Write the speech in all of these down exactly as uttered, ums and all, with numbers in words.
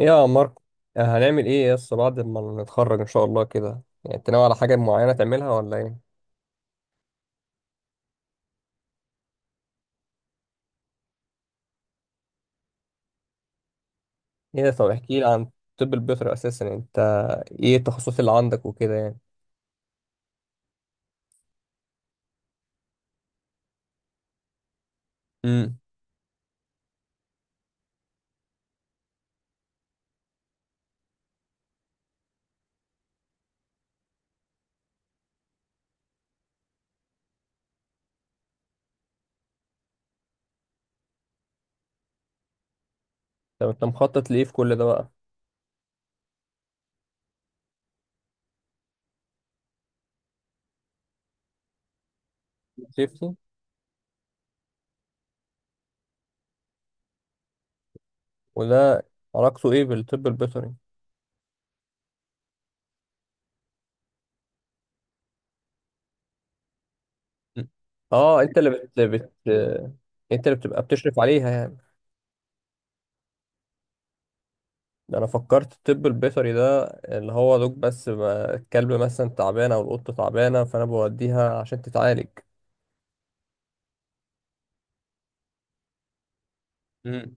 ايه يا ماركو. آه، هنعمل ايه يس بعد ما نتخرج ان شاء الله كده؟ يعني انت ناوي على حاجه معينه تعملها ولا ايه؟ ايه، طب احكي لي عن طب البيطري اساسا. يعني انت ايه التخصصات اللي عندك وكده يعني؟ امم. طب انت مخطط لايه في كل ده بقى؟ سيفتي. وده علاقته ايه بالطب البيطري؟ مم. اه، انت اللي بت... بت... انت اللي بتبقى بتشرف عليها يعني. ده انا فكرت الطب البيطري ده اللي هو دوك، بس بقى الكلب مثلا تعبانه او القطه تعبانه فانا بوديها عشان تتعالج. مم.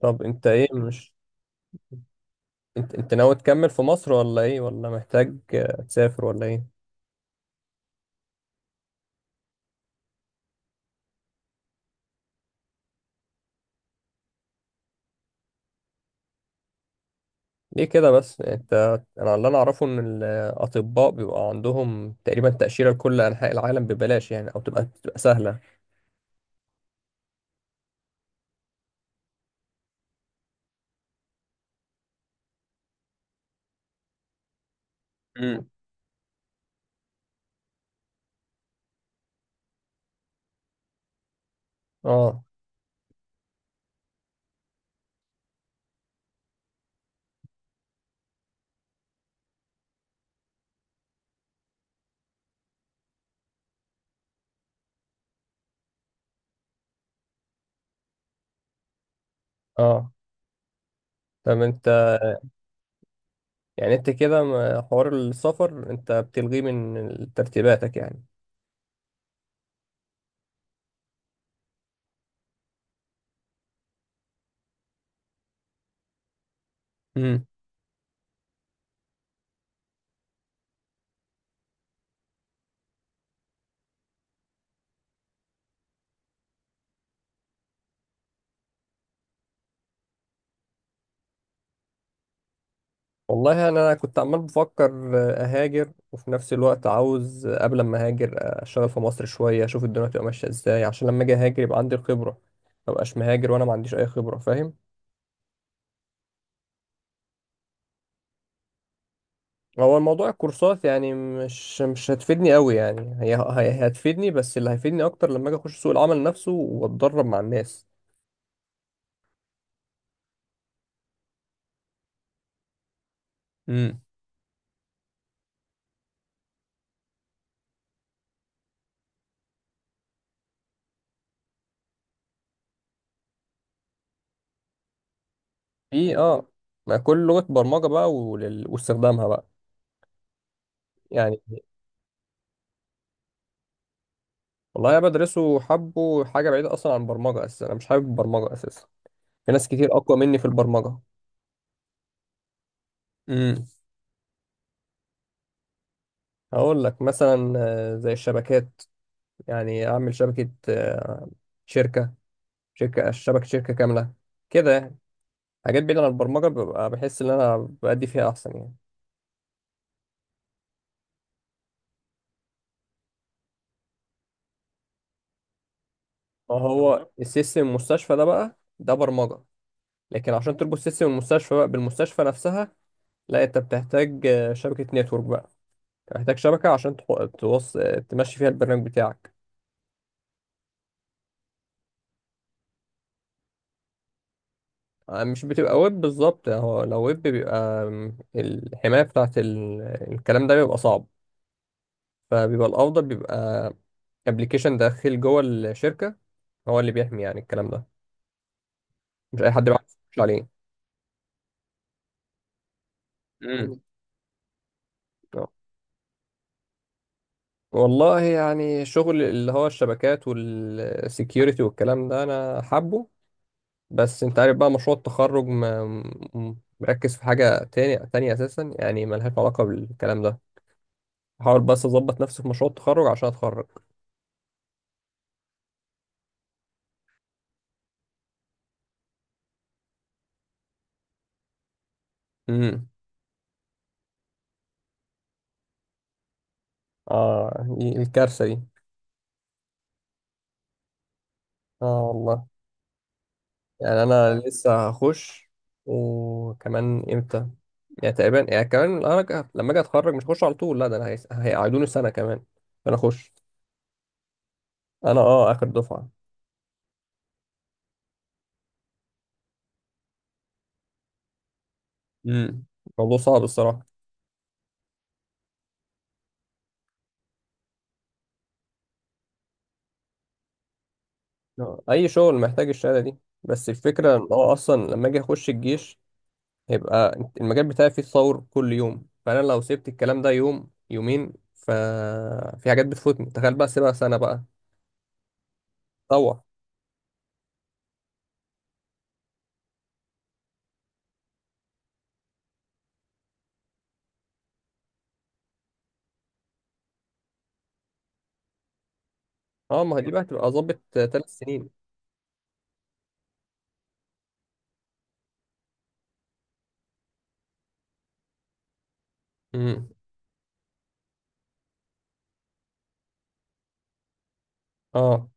طب انت ايه؟ مش انت انت ناوي تكمل في مصر ولا ايه، ولا محتاج آه، تسافر ولا ايه؟ ليه كده بس انت؟ انا اللي انا اعرفه ان الاطباء بيبقى عندهم تقريبا تأشيرة لكل انحاء العالم ببلاش يعني، او تبقى تبقى سهلة. امم. اه. اه. طب انت يعني انت كده ما- حوار السفر انت بتلغيه من ترتيباتك يعني؟ امم. والله انا كنت عمال بفكر آه، اهاجر، وفي نفس الوقت عاوز آه، قبل ما اهاجر آه، اشتغل في مصر شويه، اشوف الدنيا هتبقى ماشيه ازاي، عشان لما اجي اهاجر يبقى عندي الخبره. ما ابقاش مهاجر وانا ما عنديش اي خبره، فاهم؟ هو الموضوع الكورسات يعني مش مش هتفيدني قوي يعني، هي هي- هتفيدني، بس اللي هيفيدني اكتر لما اجي اخش سوق العمل نفسه واتدرب مع الناس. امم. في اه، ما كل لغة برمجة بقى ولل- واستخدامها بقى يعني. والله انا بدرسه حبه حاجة بعيدة اصلا عن البرمجة، اساسا انا مش حابب البرمجة اساسا. في ناس كتير اقوى مني في البرمجه. امم. هقول لك مثلا آه، زي الشبكات، يعني اعمل شبكه، آه، شركه، شركه شبكه شركه كامله كده يعني. حاجات بعيده عن البرمجه، ببقى بحس ان انا بأدي فيها احسن يعني. ما هو السيستم المستشفى ده بقى ده برمجه، لكن عشان تربط سيستم المستشفى بقى بالمستشفى نفسها، لا انت بتحتاج آه، شبكه نتورك بقى، بتحتاج شبكه عشان تحو- توص... آه، تمشي فيها البرنامج بتاعك. آه، مش بتبقى ويب بالظبط. هو لو ويب بيبقى آم، الحماية بتاعت ال- الكلام ده بيبقى صعب، فبيبقى الأفضل بيبقى ابلكيشن داخل جوه الشركة هو اللي بيحمي يعني. الكلام ده مش أي حد بيعرف يخش عليه. امم. آه. والله يعني شغل اللي هو الشبكات والسكيورتي والكلام ده أنا حابه. بس أنت عارف بقى مشروع التخرج ما- م- مركز في حاجة تاني تانية أساسا يعني، ملهاش علاقة بالكلام ده. بحاول بس أظبط نفسي في مشروع التخرج عشان أتخرج. مم. اه، دي- الكارثة دي. اه والله، يعني انا لسه هخش. وكمان امتى؟ يعني تقريبا يعني كمان انا ك- لما اجي اتخرج مش هخش على طول، لا ده انا هيس- هيقعدوني سنة كمان. انا اخش. انا اه اخر دفعة. امم. الموضوع صعب الصراحة. آه، اي شغل محتاج الشهادة دي. بس الفكرة ان هو اصلا لما اجي اخش الجيش هيبقى المجال بتاعي فيه تطور كل يوم، فانا لو سبت الكلام ده يوم يومين ففي حاجات بتفوتني، تخيل بقى سيبها سنة بقى. تطور. اه، ما هي دي بقى هتبقى ظابط ثلاث سنين. امم. اه.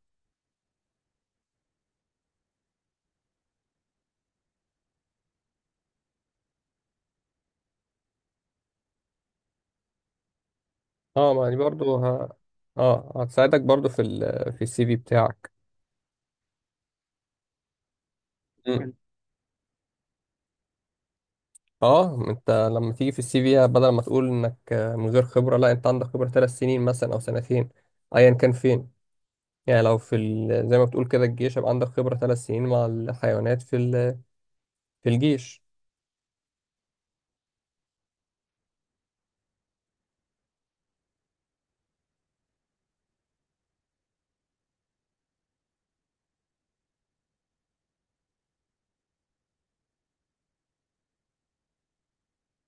اه، ما دي برضو ه... اه، هتساعدك برضو في ال... في السي في بتاعك. مم. اه، ما انت لما تيجي في السي في بدل ما تقول انك آه، من غير خبرة، لا، انت عندك خبرة ثلاث سنين مثلا او سنتين، ايا كان فين. يعني لو في ال... زي ما بتقول كده الجيش، يبقى عندك خبرة ثلاث سنين مع الحيوانات في ال... في الجيش.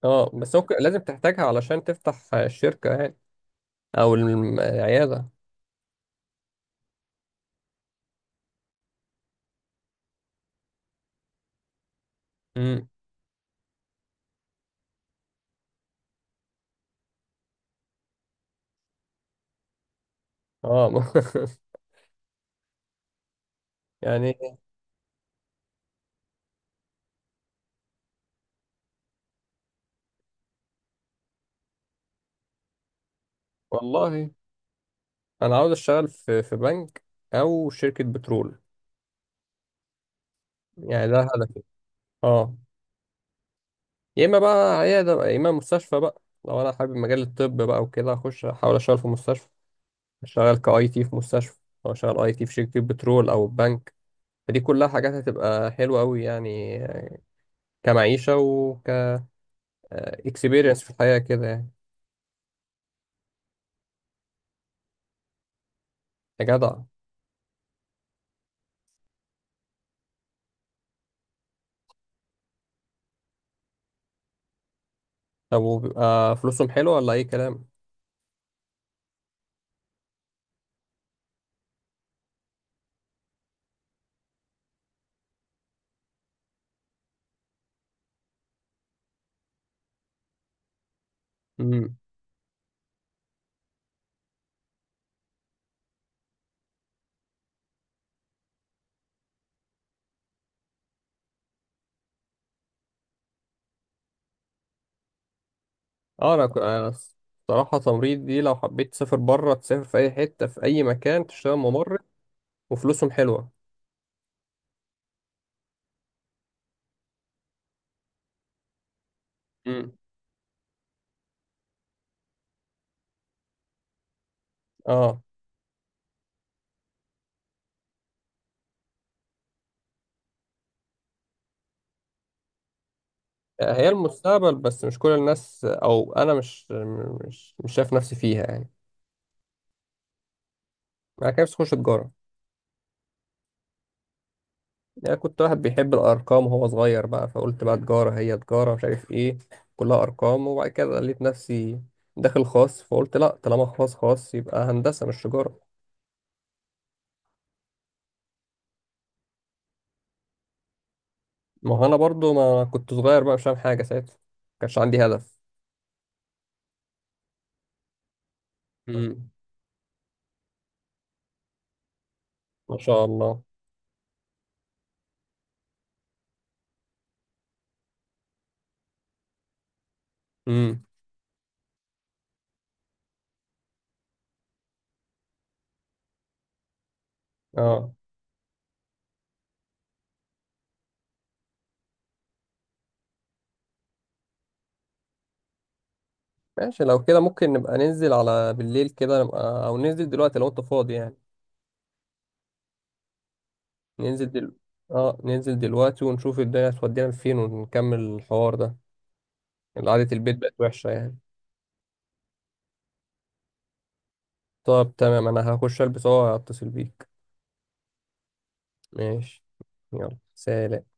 اه، بس ممكن لازم تحتاجها علشان تفتح آه، الشركة يعني، او الم- العيادة. امم. اه يعني. والله انا عاوز اشتغل في في بنك او شركه بترول. يعني ده هدفي. اه. يا اما بقى عياده بقى، يا اما مستشفى بقى لو انا حابب مجال الطب بقى وكده، اخش احاول اشتغل في مستشفى، اشتغل كاي تي في مستشفى، او اشتغل اي تي في شركه بترول او بنك. فدي كلها حاجات هتبقى حلوه قوي يعني، آه، كمعيشه وك اكسبيرينس في الحياه كده يعني. يا جدع. طب وبيبقى فلوسهم حلوه ولا اي كلام؟ اه انا ك- انا الصراحه تمريض دي لو حبيت تسافر بره، تسافر في اي حته، في اي مكان تشتغل ممرض وفلوسهم حلوه. مم. اه، هي المستقبل بس مش كل الناس، او انا مش مش مش شايف نفسي فيها يعني. انا كان نفسي اخش تجاره. يعني كنت واحد بيحب الارقام وهو صغير بقى، فقلت بقى تجاره، هي تجاره مش عارف ايه، كلها ارقام. وبعد كده لقيت نفسي داخل خاص فقلت لا، طالما خاص خاص يبقى هندسه مش تجاره. ما هو انا برضو ما كنت صغير بقى مش فاهم حاجه ساعتها، ما كانش عندي هدف. امم. ما شاء الله. امم. اه. ماشي، لو كده ممكن نبقى ننزل على بالليل كده نبقى، او ننزل دلوقتي لو انت فاضي يعني. ننزل دل... اه، ننزل دلوقتي ونشوف الدنيا هتودينا فين ونكمل الحوار ده. قعدة البيت بقت وحشة يعني. طب تمام، انا هخش البس وهتصل بيك. ماشي. يلا سلام.